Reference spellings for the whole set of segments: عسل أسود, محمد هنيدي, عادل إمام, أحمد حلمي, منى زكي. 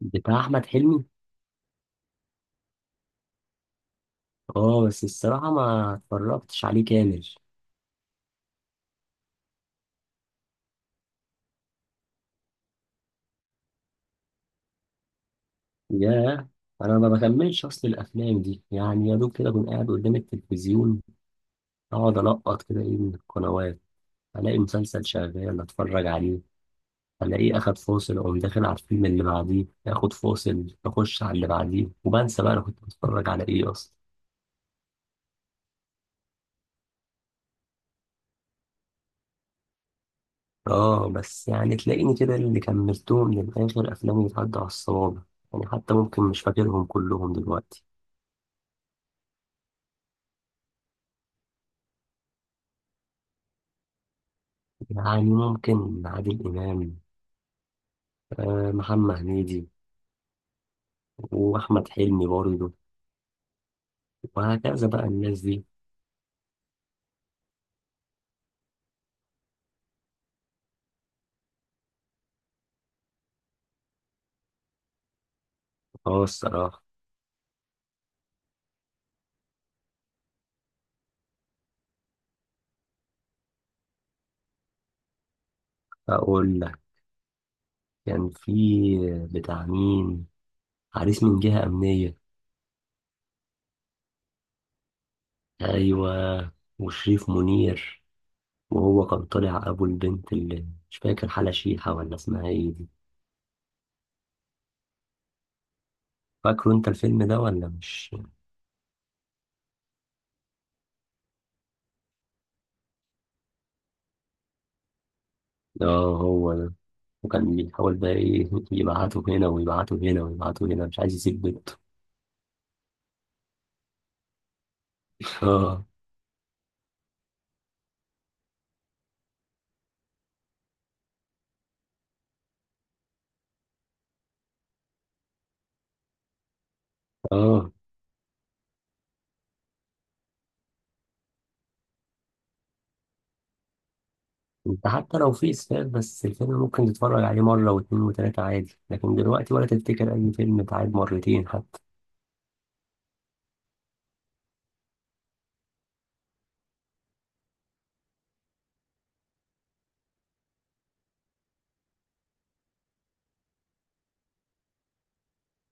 بتاع احمد حلمي. اه بس الصراحه ما اتفرجتش عليه كامل. ياه، انا ما بكملش، اصل الافلام دي يعني يا دوب كده اكون قاعد قدام التلفزيون، اقعد القط كده ايه من القنوات، الاقي مسلسل شغال اتفرج عليه، الاقيه اخد فاصل اقوم داخل على الفيلم اللي بعديه، اخد فاصل اخش على اللي بعديه، وبنسى بقى انا كنت بتفرج على ايه اصلا. اه بس يعني تلاقيني كده اللي كملتهم للاخر افلامي بتعدي على الصوابع، يعني حتى ممكن مش فاكرهم كلهم دلوقتي. يعني ممكن عادل إمام، آه، محمد هنيدي، وأحمد حلمي برضه، وهكذا بقى الناس دي. اه الصراحة. أقول لك، كان في، بتاع مين، عريس من جهة أمنية. أيوة، وشريف منير، وهو كان طالع أبو البنت اللي مش فاكر حالة شيحة ولا اسمها إيه دي. فاكره أنت الفيلم ده ولا مش؟ اه هو ده، وكان بيحاول بقى إيه يبعته هنا ويبعته هنا ويبعته هنا مش عايز يسيب بنته. اه. اه انت حتى لو في اسفاف بس الفيلم ممكن تتفرج عليه مرة واتنين وتلاتة عادي، لكن دلوقتي ولا تفتكر اي فيلم اتعاد مرتين حتى.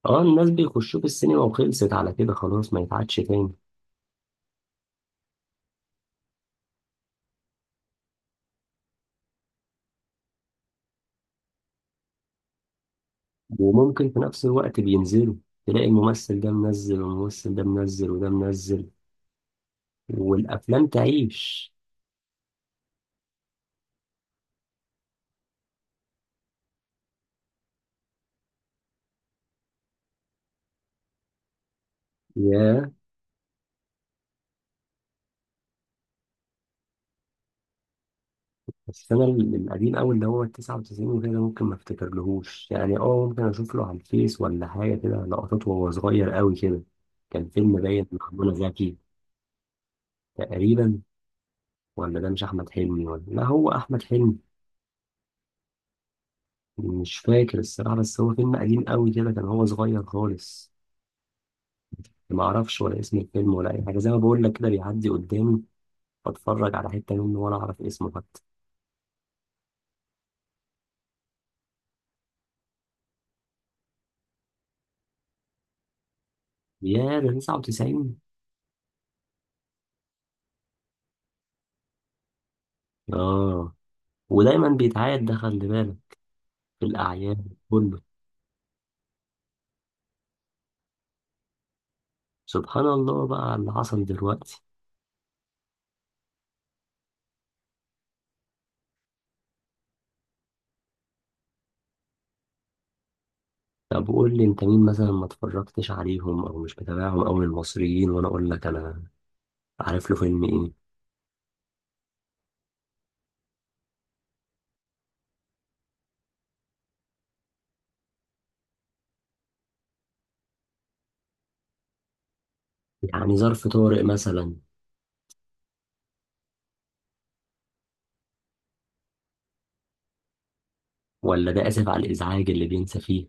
اه الناس بيخشوا في السينما وخلصت على كده خلاص ما يتعادش تاني. وممكن في نفس الوقت بينزلوا، تلاقي الممثل ده منزل والممثل ده منزل وده منزل، والافلام تعيش. ياه. بس انا القديم اوي اللي هو التسعة وتسعين وكده ده ممكن ما افتكرلهوش، يعني اه ممكن اشوف له على الفيس ولا حاجة كده لقطات وهو صغير اوي كده. كان فيلم باين مع منى زكي. تقريبا. ولا ده مش احمد حلمي، ولا لا هو احمد حلمي. مش فاكر الصراحه، بس هو فيلم قديم قوي كده كان هو صغير خالص. ما اعرفش ولا اسم الفيلم ولا اي حاجه، زي ما بقول لك كده بيعدي قدامي، بتفرج على حته منه ولا اعرف اسمه حتى. يا ده 99؟ اه، ودايما بيتعاد ده خلي بالك، في الاعياد كله. سبحان الله بقى على اللي حصل دلوقتي. طب قول لي انت مين مثلا ما اتفرجتش عليهم او مش متابعهم او من المصريين، وانا اقول لك انا عارف له فيلم ايه. يعني ظرف طارئ مثلا. ولا ده آسف على الإزعاج اللي بينسى فيه.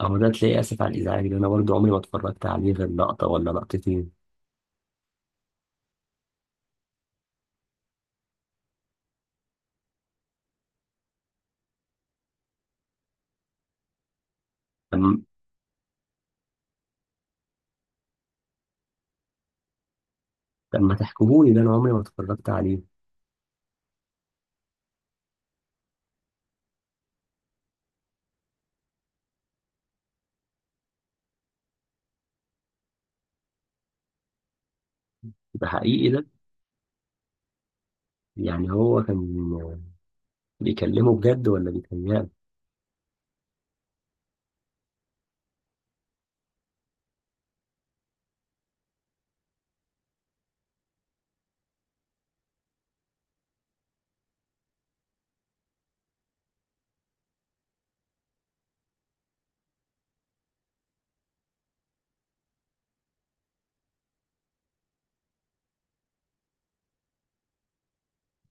أو ده تلاقي آسف على الإزعاج ده أنا برضه عمري ما اتفرجت عليه غير لقطة ولا لقطتين. طب. طب ما تحكموني ده أنا عمري ما اتفرجت عليه. ده حقيقي ده؟ يعني هو كان بيكلمه بجد ولا بيتهيأله؟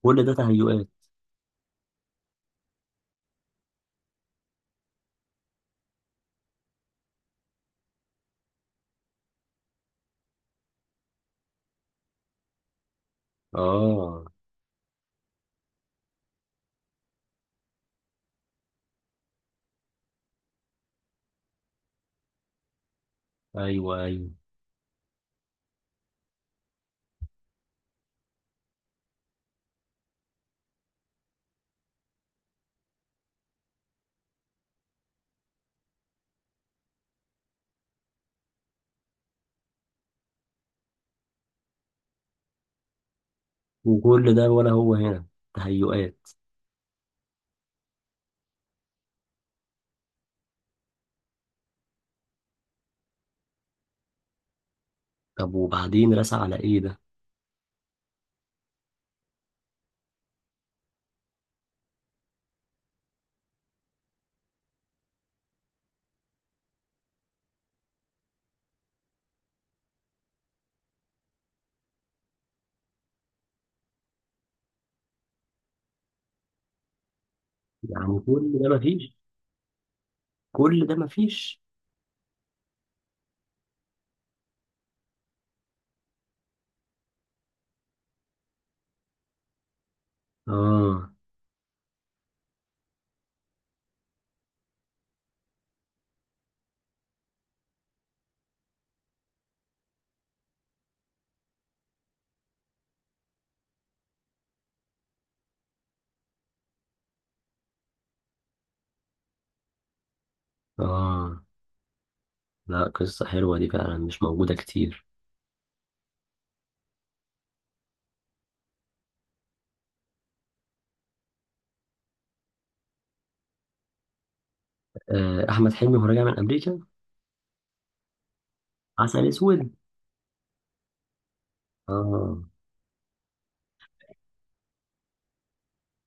كل ده تهيؤات. آه أيوه أيوه. وكل ده ولا هو هنا تهيؤات؟ طب وبعدين رسى على إيه ده؟ يعني كل ده مفيش. كل ده مفيش. آه آه، لا قصة حلوة دي فعلا مش موجودة كتير. آه، أحمد حلمي وهو راجع من أمريكا. عسل أسود. آه،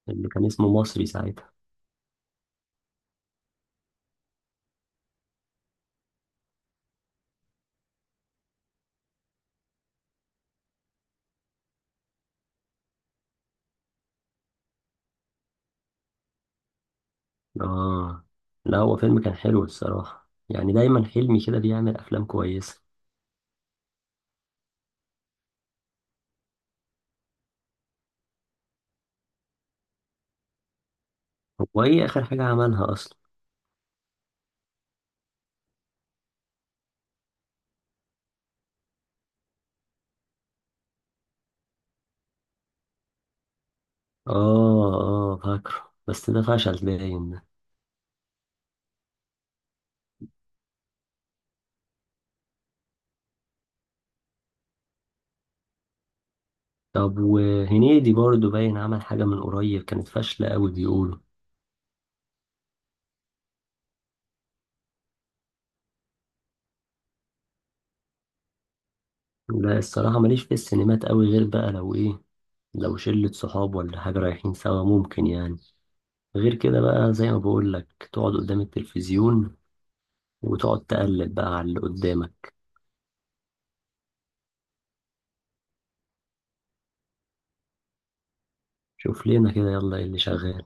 اللي كان اسمه مصري ساعتها. آه. لا هو فيلم كان حلو الصراحة، يعني دايما حلمي كده بيعمل أفلام كويسة. هو إيه آخر حاجة عملها أصلا؟ آه آه فاكره، بس ده فشل باين ده. طب وهنيدي برضه باين عمل حاجة من قريب كانت فاشلة أوي بيقولوا. لا الصراحة ماليش في السينمات أوي غير بقى لو إيه، لو شلة صحاب ولا حاجة رايحين سوا ممكن، يعني غير كده بقى زي ما بقول لك تقعد قدام التلفزيون، وتقعد تقلب بقى على اللي قدامك. شوف لنا كده يلا ايه اللي شغال.